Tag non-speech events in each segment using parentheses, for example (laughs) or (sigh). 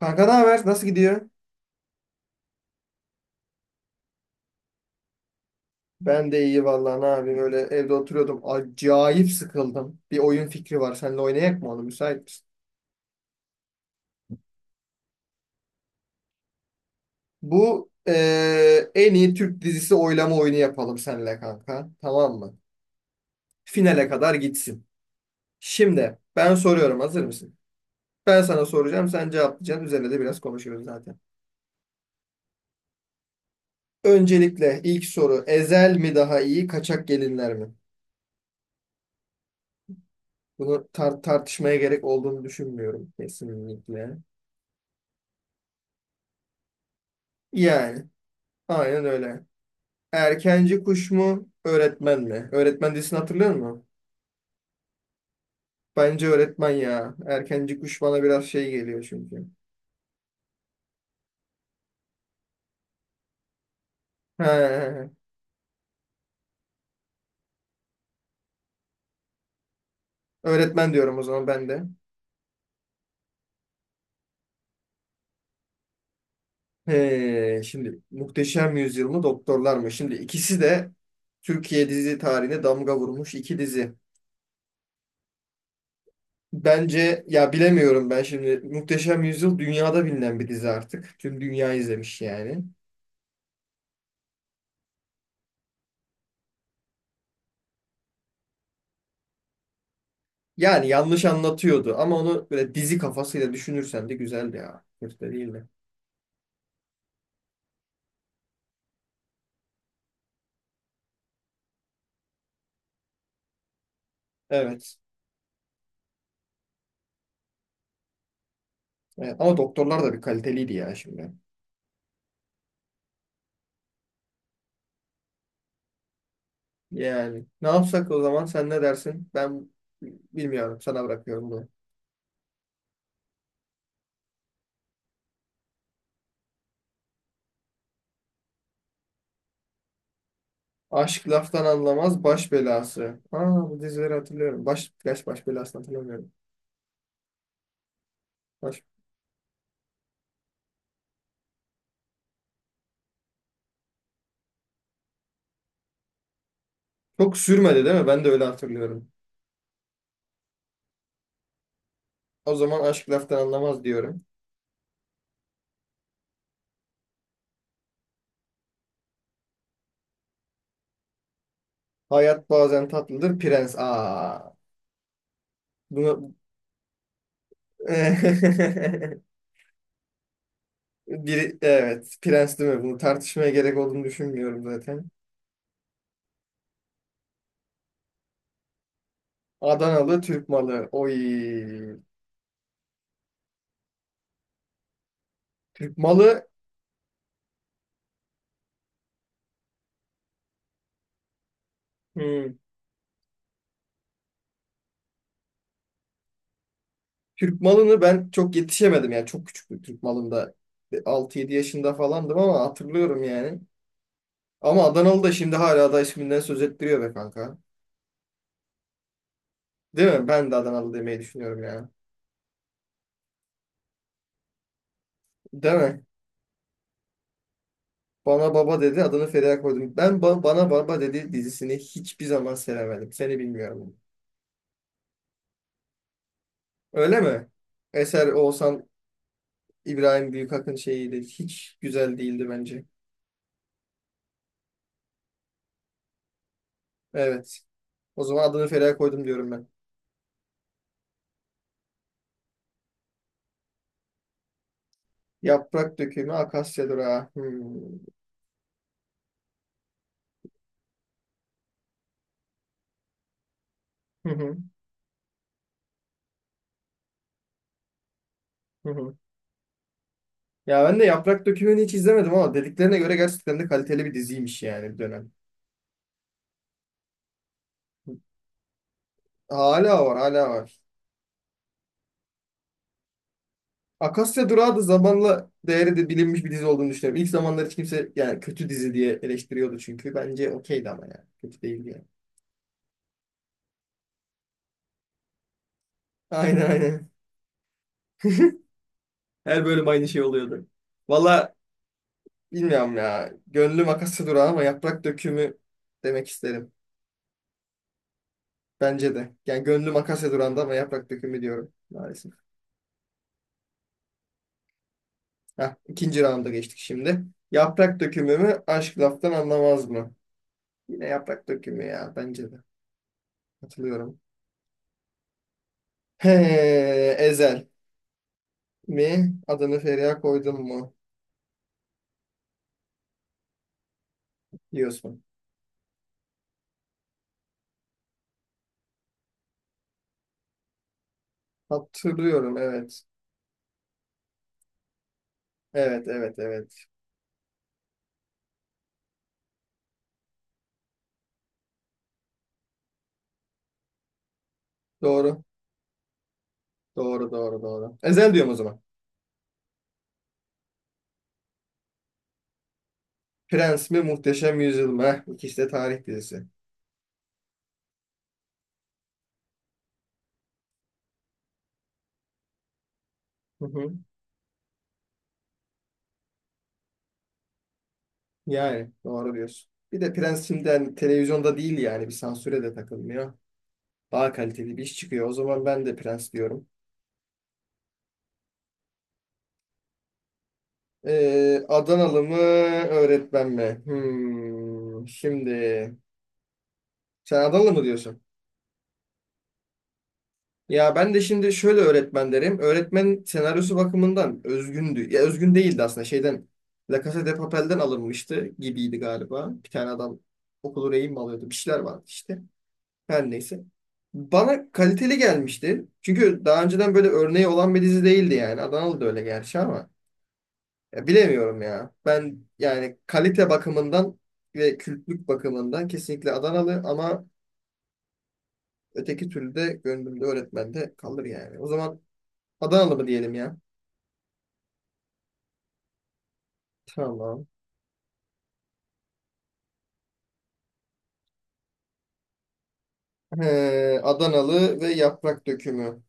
Kanka, ne haber? Nasıl gidiyor? Ben de iyi, vallahi ne yapayım, öyle evde oturuyordum. Acayip sıkıldım. Bir oyun fikri var. Seninle oynayak mı onu? Müsait misin? Bu en iyi Türk dizisi oylama oyunu yapalım seninle kanka. Tamam mı? Finale kadar gitsin. Şimdi ben soruyorum. Hazır mısın? Ben sana soracağım. Sen cevaplayacaksın. Üzerine de biraz konuşuyoruz zaten. Öncelikle ilk soru. Ezel mi daha iyi? Kaçak gelinler mi? Bunu tartışmaya gerek olduğunu düşünmüyorum. Kesinlikle. Yani. Aynen öyle. Erkenci kuş mu, öğretmen mi? Öğretmen dizisini hatırlıyor musun? Bence öğretmen ya. Erkenci kuş bana biraz şey geliyor çünkü. He, öğretmen diyorum o zaman ben de. He, şimdi Muhteşem Yüzyıl mı, Doktorlar mı? Şimdi ikisi de Türkiye dizi tarihine damga vurmuş iki dizi. Bence ya bilemiyorum, ben şimdi Muhteşem Yüzyıl dünyada bilinen bir dizi artık. Tüm dünya izlemiş yani. Yani yanlış anlatıyordu ama onu böyle dizi kafasıyla düşünürsen de güzeldi ya. Kötü de değil. Evet. Evet. Ama doktorlar da bir kaliteliydi ya şimdi. Yani ne yapsak o zaman, sen ne dersin? Ben bilmiyorum, sana bırakıyorum bunu. Aşk laftan anlamaz baş belası. Aa, bu dizileri hatırlıyorum. Baş belasını hatırlamıyorum. Baş. Çok sürmedi değil mi? Ben de öyle hatırlıyorum. O zaman aşk laftan anlamaz diyorum. Hayat bazen tatlıdır prens. Aa, bunu (laughs) biri evet prens değil mi? Bunu tartışmaya gerek olduğunu düşünmüyorum zaten. Adanalı Türk malı. Oy. Türk malı. Hmm. Türk malını ben çok yetişemedim, yani çok küçüktüm Türk malında, 6-7 yaşında falandım ama hatırlıyorum yani. Ama Adanalı da şimdi hala da isminden söz ettiriyor be kanka. Değil mi? Ben de Adanalı demeyi düşünüyorum yani. Değil mi? Bana baba dedi, adını Feriha koydum. Ben bana baba dedi dizisini hiçbir zaman sevemedim. Seni bilmiyorum. Öyle mi? Eser Oğuzhan İbrahim Büyükak'ın şeyiydi. Hiç güzel değildi bence. Evet. O zaman adını Feriha koydum diyorum ben. Yaprak dökümü, akasya durağı. Hmm. Hı hı, hı hı. Ya ben de yaprak dökümünü hiç izlemedim ama dediklerine göre gerçekten de kaliteli bir diziymiş yani, bir dönem. Hala var, hala var. Akasya Durağı da zamanla değeri de bilinmiş bir dizi olduğunu düşünüyorum. İlk zamanlar hiç kimse yani kötü dizi diye eleştiriyordu çünkü. Bence okeydi ama yani. Kötü değildi yani. Aynen aynen. (laughs) Her bölüm aynı şey oluyordu. Valla bilmiyorum ya. Gönlüm Akasya Durağı ama yaprak dökümü demek isterim. Bence de. Yani gönlüm Akasya Duran'da ama yaprak dökümü diyorum maalesef. Heh, ikinci rounda geçtik şimdi. Yaprak dökümü mü, aşk laftan anlamaz mı? Yine yaprak dökümü ya bence de. Katılıyorum. He, Ezel mi? Adını Feriha koydun mu? Diyorsun. Hatırlıyorum evet. Evet evet evet. Doğru. Doğru doğru doğru. Ezel diyorum o zaman. Prens mi Muhteşem Yüzyıl mı? Heh, İkisi de tarih dizisi. Hı hı. Yani doğru diyorsun. Bir de Prens şimdi hani televizyonda değil yani, bir sansüre de takılmıyor. Daha kaliteli bir iş çıkıyor. O zaman ben de Prens diyorum. Adanalı mı öğretmen mi? Hmm, şimdi sen Adanalı mı diyorsun? Ya ben de şimdi şöyle öğretmen derim. Öğretmen senaryosu bakımından özgündü. Ya özgün değildi aslında, şeyden, La Casa de Papel'den alınmıştı gibiydi galiba. Bir tane adam okulu rehin mi alıyordu? Bir şeyler vardı işte. Her neyse. Bana kaliteli gelmişti. Çünkü daha önceden böyle örneği olan bir dizi değildi yani. Adanalı da öyle gerçi ama. Ya bilemiyorum ya. Ben yani kalite bakımından ve kültlük bakımından kesinlikle Adanalı ama öteki türlü de gönlümde öğretmen de kalır yani. O zaman Adanalı mı diyelim ya? Tamam. Adanalı ve yaprak dökümü.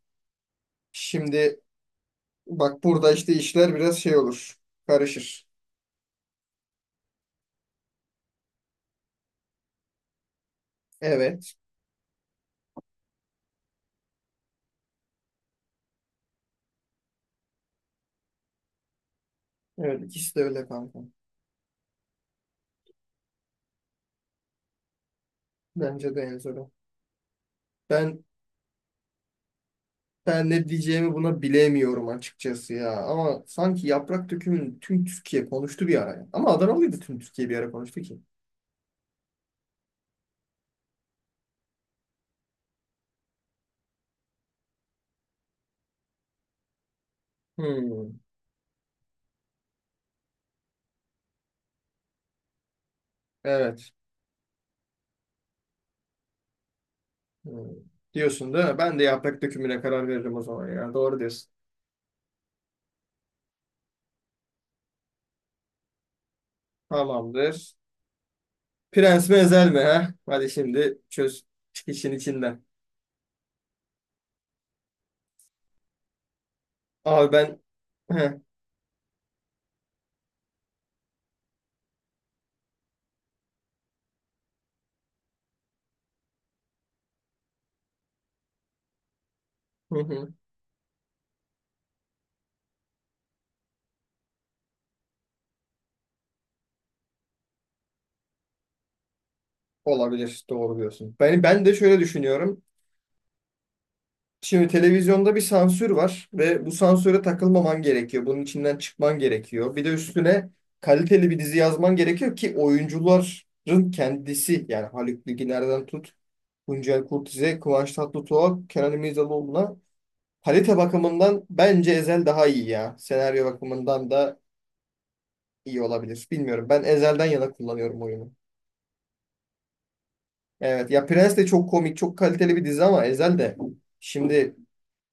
Şimdi bak burada işte işler biraz şey olur. Karışır. Evet. Evet ikisi de öyle kanka. Bence de en zoru. Ben Ben ne diyeceğimi buna bilemiyorum açıkçası ya. Ama sanki yaprak dökümünü tüm Türkiye konuştu bir ara ya. Ama Adanalıydı, tüm Türkiye bir ara konuştu ki. Hmm, evet. Hmm. Diyorsun değil mi? Ben de yaprak dökümüne karar veririm o zaman ya. Doğru diyorsun. Tamamdır. Prens mi ezel mi ha? Hadi şimdi çöz, çık işin içinden. Abi ben. Heh, hı hı. Olabilir. Doğru diyorsun. Ben de şöyle düşünüyorum. Şimdi televizyonda bir sansür var ve bu sansüre takılmaman gerekiyor. Bunun içinden çıkman gerekiyor. Bir de üstüne kaliteli bir dizi yazman gerekiyor ki, oyuncuların kendisi yani Haluk Bilginer'den tut, Tuncel Kurtiz'e, Kıvanç Tatlıtuğ'a, Kenan İmirzalıoğlu'na, kalite bakımından bence Ezel daha iyi ya. Senaryo bakımından da iyi olabilir. Bilmiyorum. Ben Ezel'den yana kullanıyorum oyunu. Evet ya, Prens de çok komik, çok kaliteli bir dizi ama Ezel de şimdi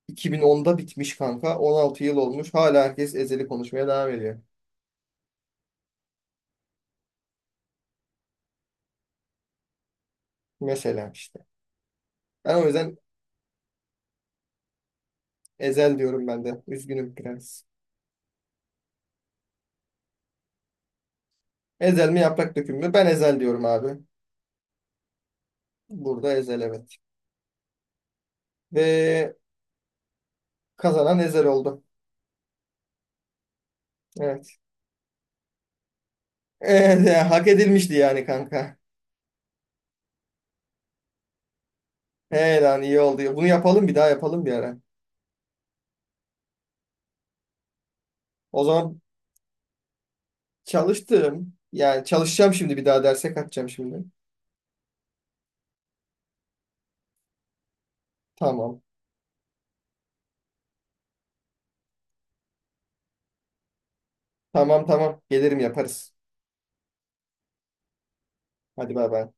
2010'da bitmiş kanka. 16 yıl olmuş. Hala herkes Ezel'i konuşmaya devam ediyor. Mesela işte. Ben o yüzden Ezel diyorum ben de. Üzgünüm prens. Ezel mi yaprak döküm mü? Ben Ezel diyorum abi. Burada Ezel evet. Ve kazanan Ezel oldu. Evet. (laughs) Evet, ya, hak edilmişti yani kanka. He lan iyi oldu. Bunu yapalım, bir daha yapalım bir ara. O zaman çalıştım. Yani çalışacağım şimdi, bir daha derse kaçacağım şimdi. Tamam. Tamam tamam. Gelirim yaparız. Hadi bay bay.